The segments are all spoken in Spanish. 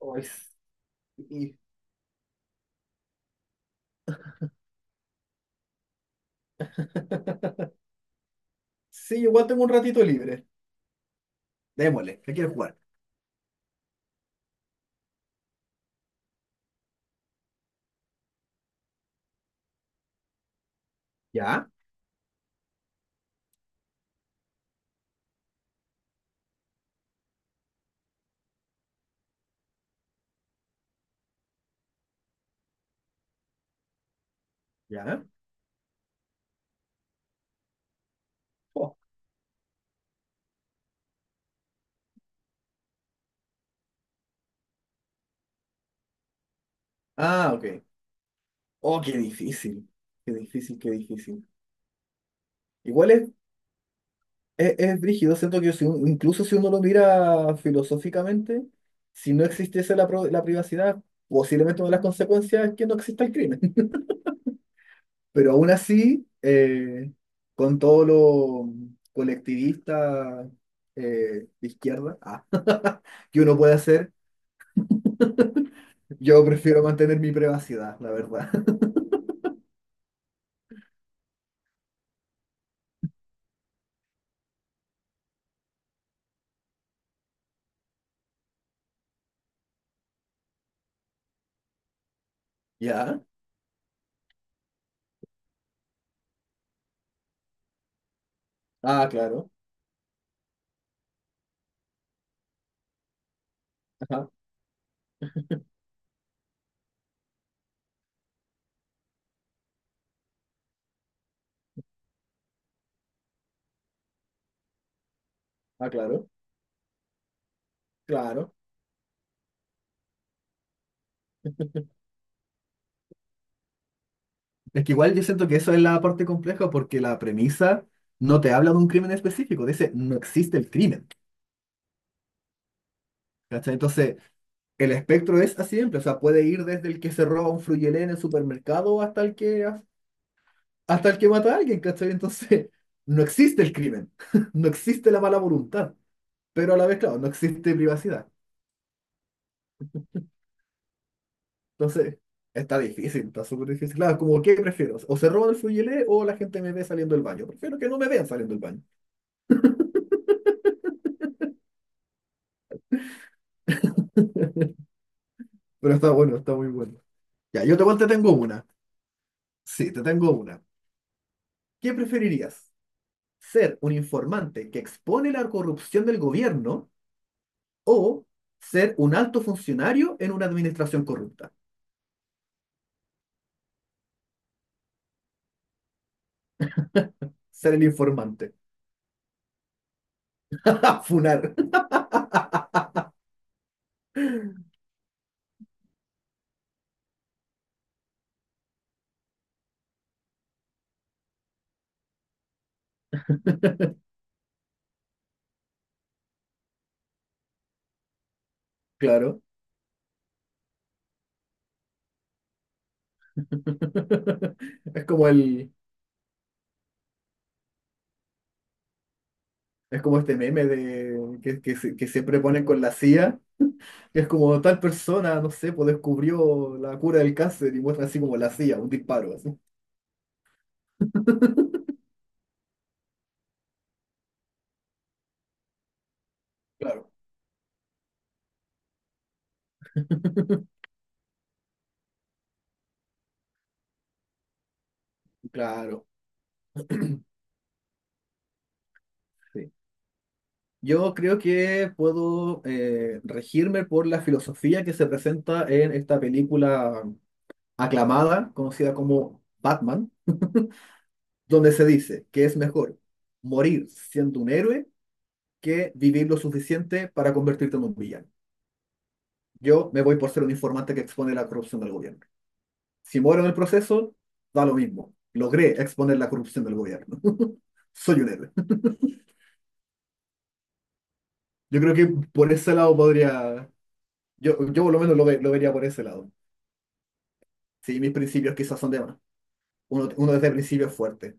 Ay, sí. Sí, igual tengo un ratito libre. Démosle, ¿qué quieres jugar? ¿Ya? ¿Ya? Oh. Ah, ok. Oh, qué difícil. Qué difícil, qué difícil. Igual es, es brígido, siento que si un- incluso si uno lo mira filosóficamente, si no existiese la privacidad, posiblemente una de las consecuencias es que no exista el crimen. Pero aún así, con todo lo colectivista de izquierda, ah, que uno puede hacer. Yo prefiero mantener mi privacidad, la verdad. ¿Ya? Ah, claro. Ajá. Ah, claro. Claro. Es que igual yo siento que eso es la parte compleja porque la premisa no te habla de un crimen específico, dice no existe el crimen. ¿Cachai? Entonces, el espectro es así de amplio, o sea, puede ir desde el que se roba un fruyelé en el supermercado hasta el que mata a alguien, ¿cachai? Entonces, no existe el crimen, no existe la mala voluntad, pero a la vez, claro, no existe privacidad. Entonces, está difícil, está súper difícil. Claro, como, ¿qué prefiero? ¿O se roban el fluyelé o la gente me ve saliendo del baño? Prefiero que no me vean saliendo del baño. Pero está bueno, está muy bueno. Ya, igual te tengo una. Sí, te tengo una. ¿Qué preferirías? ¿Ser un informante que expone la corrupción del gobierno o ser un alto funcionario en una administración corrupta? Ser el informante. Funar. Claro. Es como es como este meme de que siempre ponen con la CIA. Es como tal persona, no sé, pues descubrió la cura del cáncer y muestra así como la hacía, un disparo, así. Claro, claro. Sí. Yo creo que puedo regirme por la filosofía que se presenta en esta película aclamada, conocida como Batman, donde se dice que es mejor morir siendo un héroe que vivir lo suficiente para convertirte en un villano. Yo me voy por ser un informante que expone la corrupción del gobierno. Si muero en el proceso, da lo mismo. Logré exponer la corrupción del gobierno. Soy un héroe. Yo creo que por ese lado podría, yo por lo menos lo vería por ese lado. Sí, mis principios quizás son de más. Uno, uno desde el principio es fuerte.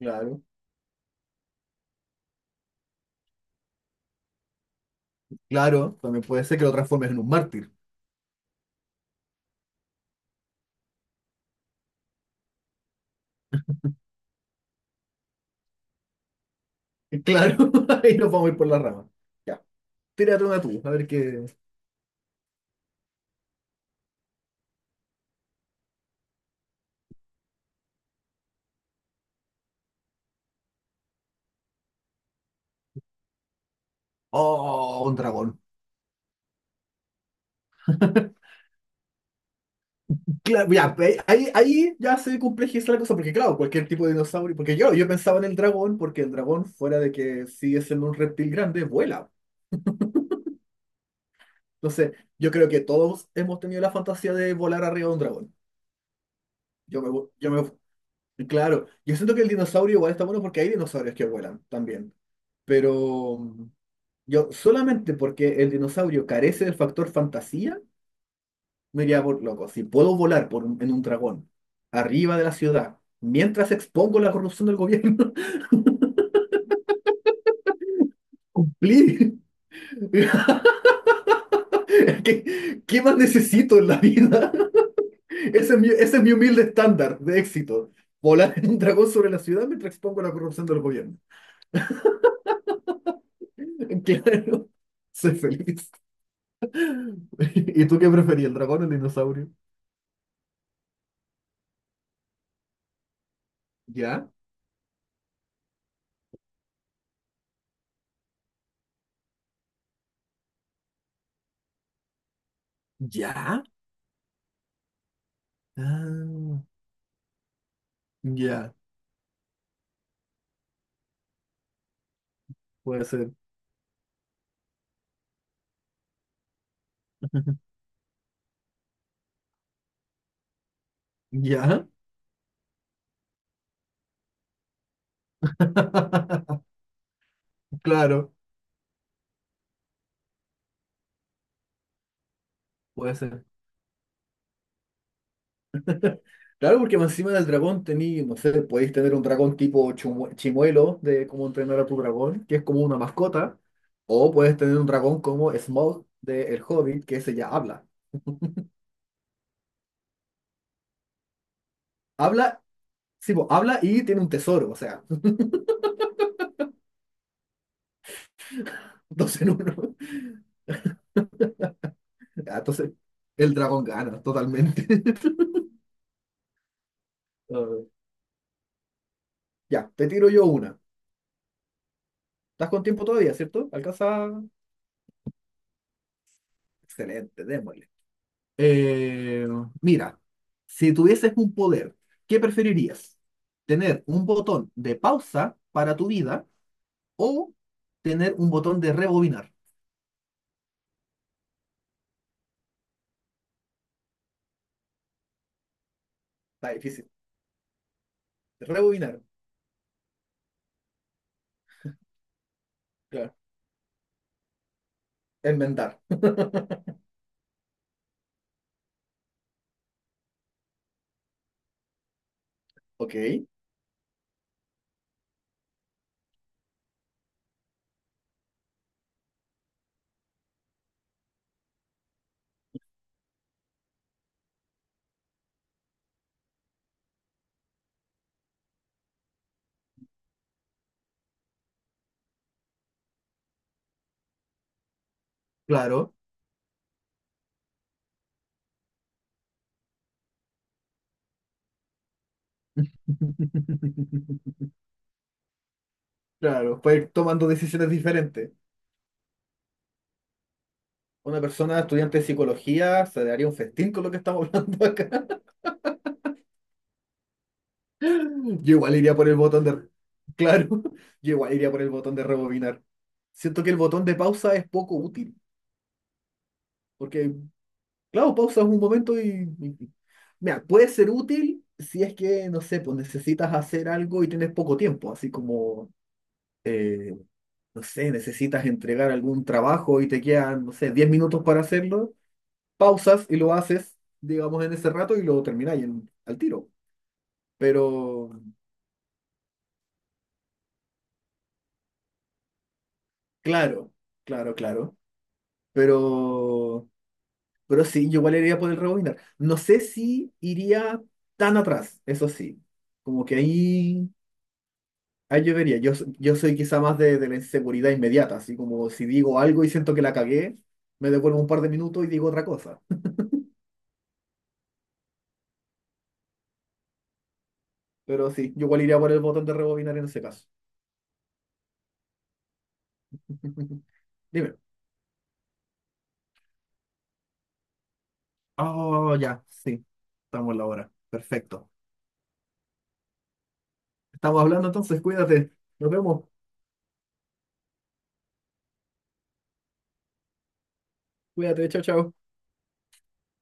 Claro. Claro, también puede ser que lo transformes en un mártir. Claro, ahí nos vamos a ir por la rama. Ya, tírate una tú, a ver qué... Oh, un dragón. Claro, ya, pe- ahí ya se complejiza la cosa, porque claro, cualquier tipo de dinosaurio, porque yo pensaba en el dragón, porque el dragón, fuera de que sigue siendo un reptil grande, vuela. Entonces, yo creo que todos hemos tenido la fantasía de volar arriba de un dragón. Yo me, claro, yo siento que el dinosaurio igual está bueno porque hay dinosaurios que vuelan también, pero yo solamente porque el dinosaurio carece del factor fantasía, me iría por loco. Si puedo volar por un- en un dragón, arriba de la ciudad, mientras expongo la corrupción del gobierno. Cumplir. Qué más necesito en la vida? Ese es mi humilde estándar de éxito. Volar en un dragón sobre la ciudad mientras expongo la corrupción del gobierno. Claro, soy feliz. ¿Y tú qué preferís, el dragón o el dinosaurio? ¿Ya? ¿Ya? Ah, ya, puede ser. ¿Ya? Claro, puede ser. Claro, porque más encima del dragón tení, no sé, podéis tener un dragón tipo chimuelo de cómo entrenar a tu dragón, que es como una mascota, o puedes tener un dragón como Smaug de El Hobbit, que ese ya habla. Habla, sí, po, habla y tiene un tesoro, o sea, dos en uno. Ya, entonces, el dragón gana totalmente. Ah, ya, te tiro yo una. ¿Estás con tiempo todavía, cierto? Alcanza. Excelente, démosle. Eh, mira, si tuvieses un poder, ¿qué preferirías? ¿Tener un botón de pausa para tu vida o tener un botón de rebobinar? Está difícil. Rebobinar, claro. Enmendar. Ok, claro. Claro, puede ir tomando decisiones diferentes. Una persona estudiante de psicología se daría un festín con lo que estamos hablando acá. Yo igual iría por el botón de... Claro, yo igual iría por el botón de rebobinar. Siento que el botón de pausa es poco útil, porque, claro, pausa es un momento mira, puede ser útil si es que, no sé, pues necesitas hacer algo y tienes poco tiempo, así como, eh, no sé, necesitas entregar algún trabajo y te quedan, no sé, 10 minutos para hacerlo, pausas y lo haces, digamos, en ese rato y lo termináis en- al tiro. Pero, claro, claro, claro. Pero... Pero sí, yo igual iría por el rebobinar. No sé si iría tan atrás, eso sí. Como que ahí, ahí yo vería. Yo soy quizá más de la inseguridad inmediata, así como si digo algo y siento que la cagué, me devuelvo un par de minutos y digo otra cosa. Pero sí, yo igual iría por el botón de rebobinar en ese caso. Dime. Oh, ya, sí. Estamos en la hora. Perfecto. Estamos hablando entonces, cuídate. Nos vemos. Cuídate, chao, chao.